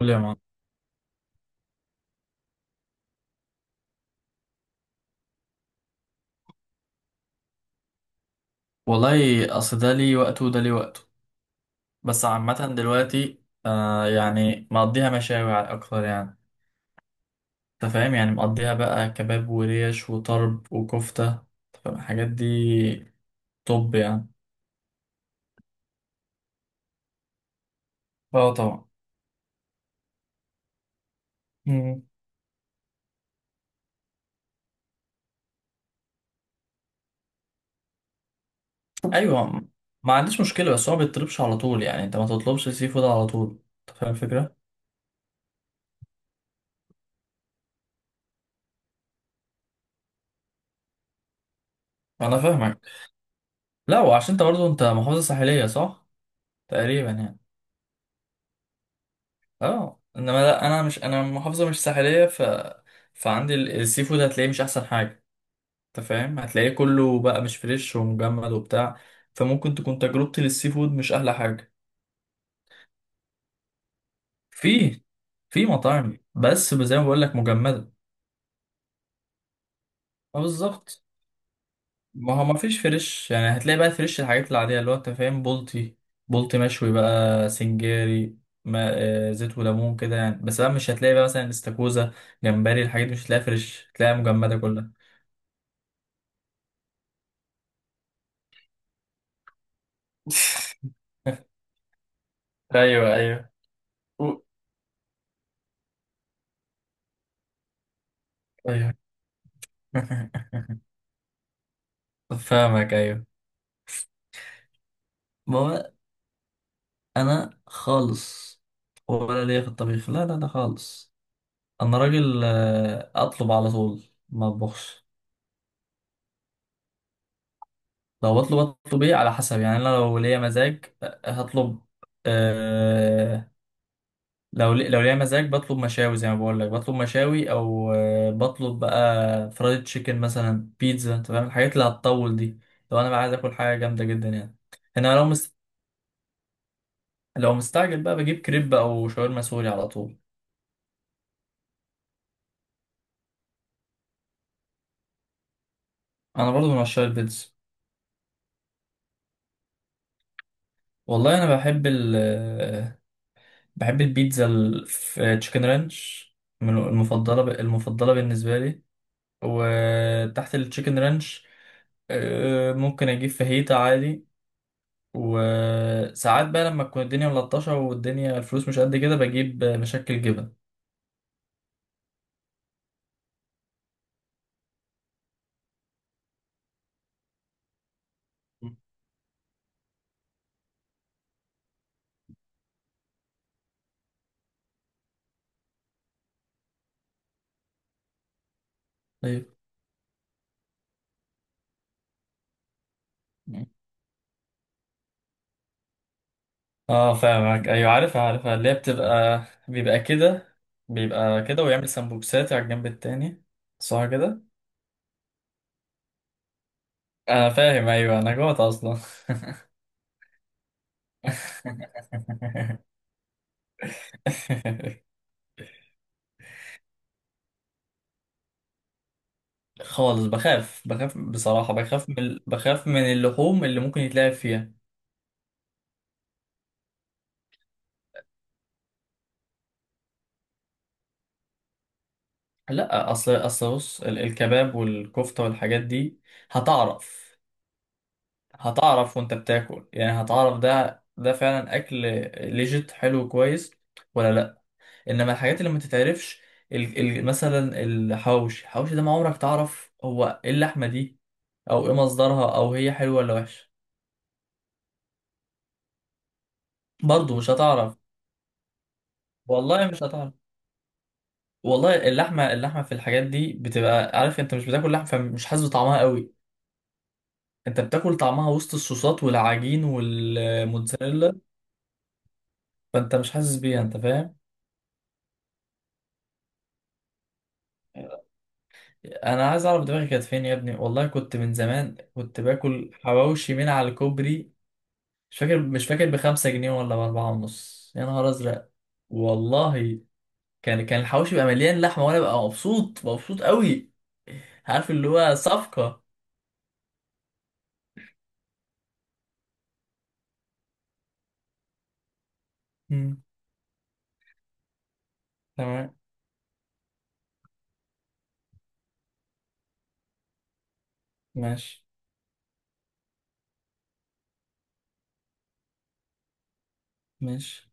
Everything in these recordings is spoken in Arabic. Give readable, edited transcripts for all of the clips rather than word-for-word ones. قول يا معلم. والله اصل ده ليه وقته وده ليه وقته. بس عامة دلوقتي آه يعني مقضيها مشاوي على اكتر يعني. انت فاهم، يعني مقضيها بقى كباب وريش وطرب وكفتة، أنت فاهم؟ الحاجات دي. طب يعني اه طبعا. مم. ايوه، ما عنديش مشكلة بس هو ما بيطلبش على طول، يعني انت ما تطلبش سي فود على طول. انت فاهم الفكرة؟ انا فاهمك. لا، وعشان انت برضو انت محافظة ساحلية صح؟ تقريبا يعني. اه، انما لا، انا مش انا محافظه مش ساحليه ف فعندي السي فود هتلاقيه مش احسن حاجه. انت فاهم، هتلاقيه كله بقى مش فريش ومجمد وبتاع. فممكن تكون تجربتي للسي فود مش احلى حاجه. في في مطاعم بس زي ما بقول لك مجمده. ما بالظبط، ما هو ما فيش فريش يعني. هتلاقي بقى فريش الحاجات العاديه، اللي هو انت فاهم، بولتي. بولتي مشوي بقى سنجاري. ما آه، زيت وليمون كده يعني، بس بقى مش هتلاقي بقى مثلا استاكوزا، جمبري. الحاجات دي مش هتلاقيها فريش، هتلاقيها مجمده كلها. ايوه ايوه. و- ايوه. فاهمك ايوه. ما هو انا خالص، ولا ليا في الطبيخ، لا لا لا خالص. انا راجل آه، اطلب على طول، ما اطبخش. لو بطلب، اطلب ايه على حسب يعني. انا لو ليا مزاج آه، هطلب. أه، لو ليا مزاج بطلب مشاوي زي ما بقول لك. بطلب مشاوي او آه، بطلب بقى فرايد تشيكن مثلا، بيتزا، انت فاهم الحاجات اللي هتطول دي. لو انا بقى عايز اكل حاجه جامده جدا يعني. انا لو مستني، لو مستعجل بقى بجيب كريب او شاورما سوري على طول. انا برضو من عشاق البيتزا. والله انا بحب بحب البيتزا في تشيكن رانش. من المفضله المفضله بالنسبه لي. وتحت التشيكن رانش آه، ممكن اجيب فاهيتا عادي. وساعات بقى لما تكون الدنيا ملطشه والدنيا الفلوس مش قد كده بجيب مشكل جبن. طيب. اه فاهمك ايوه، عارفها عارفها. اللي هي بتبقى بيبقى كده، بيبقى كده ويعمل سمبوكسات على الجنب التاني، صح كده. انا فاهم ايوه، انا جوعت اصلا. خالص. بخاف، بخاف بصراحة بخاف من ال- بخاف من اللحوم اللي ممكن يتلعب فيها. لا، اصل بص الكباب والكفتة والحاجات دي هتعرف. هتعرف وانت بتاكل يعني، هتعرف ده فعلا اكل ليجيت حلو كويس ولا لا. انما الحاجات اللي ما تتعرفش، مثلا الحوش. الحوش ده ما عمرك تعرف هو ايه اللحمه دي، او ايه مصدرها، او هي حلوه ولا وحشه. برضه مش هتعرف. والله مش هتعرف. والله اللحمه، اللحمه في الحاجات دي بتبقى عارف انت، مش بتاكل لحمه فمش حاسس بطعمها قوي. انت بتاكل طعمها وسط الصوصات والعجين والموتزاريلا. فانت مش حاسس بيها، انت فاهم. انا عايز اعرف دماغي كانت فين يا ابني، والله كنت من زمان كنت باكل حواوشي من على الكوبري. مش فاكر مش فاكر 5 جنيه ولا 4 ونص، يا نهار أزرق. والله كان الحوش يبقى مليان لحمة، وأنا ببقى مبسوط مبسوط قوي. عارف اللي هو صفقة. مم. تمام. ماشي ماشي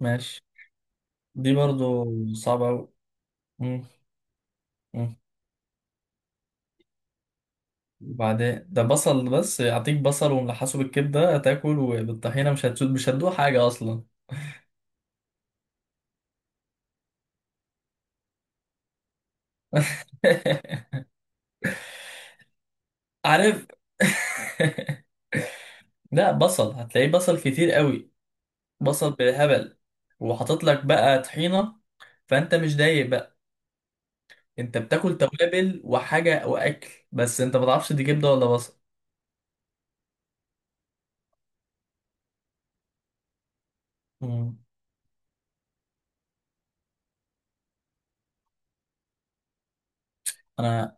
ماشي. دي برضو صعبة أوي. مم. مم. وبعدين ده بصل بس، أعطيك بصل وملحسه بالكبدة هتاكل وبالطحينة، مش هتسود مش هتدوق حاجة أصلا. عارف. لا، بصل هتلاقيه بصل كتير قوي. بصل بالهبل، وحاطط لك بقى طحينه، فانت مش دايق بقى. انت بتاكل توابل وحاجه واكل بس انت ما تعرفش دي كبده ولا بصل. مم. انا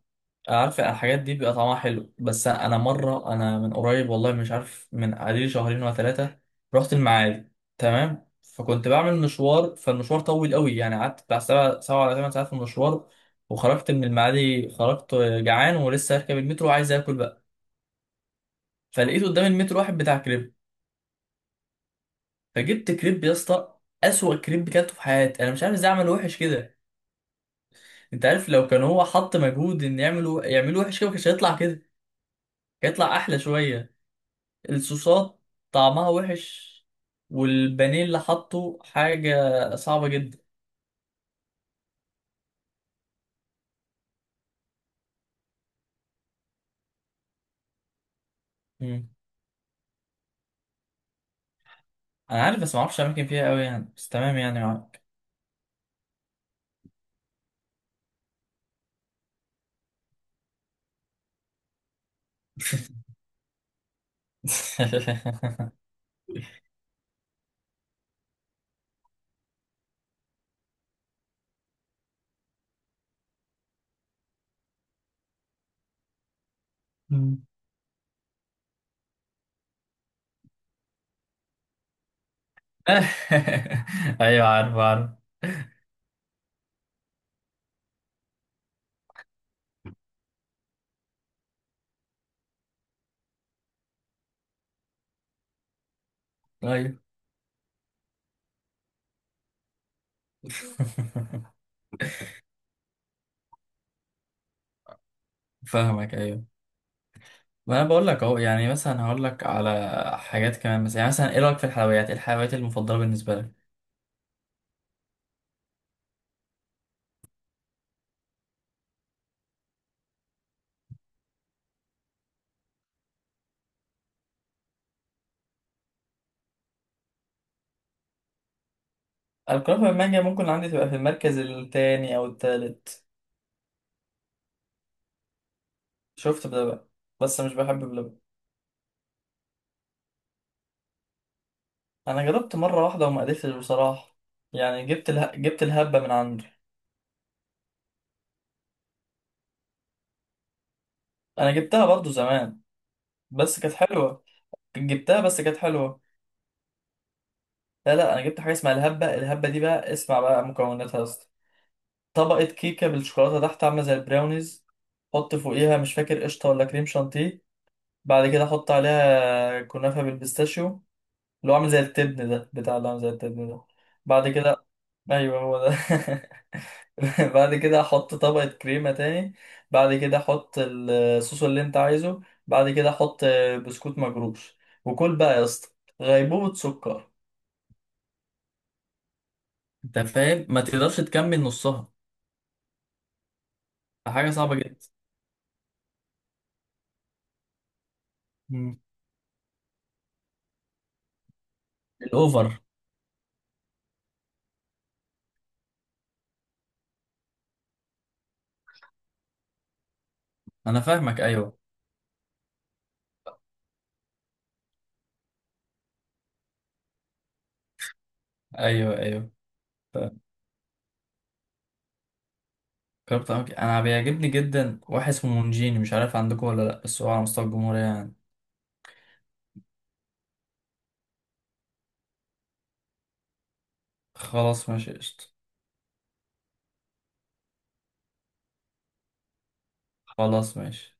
عارف الحاجات دي بيبقى طعمها حلو. بس انا مره، انا من قريب، والله مش عارف من عليه شهرين ولا 3، رحت المعادي. تمام، فكنت بعمل مشوار، فالمشوار طويل قوي يعني. قعدت بتاع سبع، 7 ولا 8 ساعات في المشوار. وخرجت من المعادي، خرجت جعان ولسه هركب المترو وعايز اكل بقى. فلقيت قدام المترو واحد بتاع كريب. فجبت كريب يا اسطى. اسوأ كريب كلته في حياتي. انا مش عارف ازاي عمله وحش كده. انت عارف لو كان هو حط مجهود ان يعمله، يعمله وحش كده ما كانش هيطلع كده. كان هيطلع احلى شويه. الصوصات طعمها وحش، والبانيه اللي حطه حاجه صعبه جدا. مم. انا عارف، بس ما اعرفش اماكن فيها قوي يعني، بس تمام يعني معاك. مم. ايوه عارف عارف. ايوه. فاهمك ايوه. ما انا بقول لك اهو يعني. مثلا هقول لك على حاجات كمان مثلا، يعني مثلا ايه رايك في الحلويات؟ ايه الحلويات المفضله بالنسبه لك؟ الكنافه بالمانجا ممكن عندي تبقى في المركز التاني او التالت. شفت بلبن، بس مش بحب بلبن. انا جربت مره واحده وما قدرتش بصراحه. يعني جبت الهبه من عنده. انا جبتها برضو زمان، بس كانت حلوه. جبتها بس كانت حلوه. لا لا، انا جبت حاجه اسمها الهبه. الهبه دي بقى اسمع بقى مكوناتها يا اسطى. طبقه كيكه بالشوكولاته تحت عامله زي البراونيز. حط فوقيها مش فاكر قشطه ولا كريم شانتيه. بعد كده احط عليها كنافه بالبيستاشيو، اللي هو عامل زي التبن ده، بتاع اللي عامل زي التبن ده. بعد كده، ايوه هو ده. بعد كده احط طبقه كريمه تاني. بعد كده احط الصوص اللي انت عايزه. بعد كده احط بسكوت مجروش. وكل بقى يا اسطى، غيبوبه سكر. انت فاهم، ما تقدرش تكمل نصها. حاجه صعبه جدا. مم. الاوفر. انا فاهمك. ايوه ايوه ايوه. جربت أماكن، أنا بيعجبني جدا واحد اسمه مونجيني. مش عارف عندكم ولا لأ، بس هو على مستوى الجمهورية يعني. خلاص ماشي قشطة. خلاص ماشي.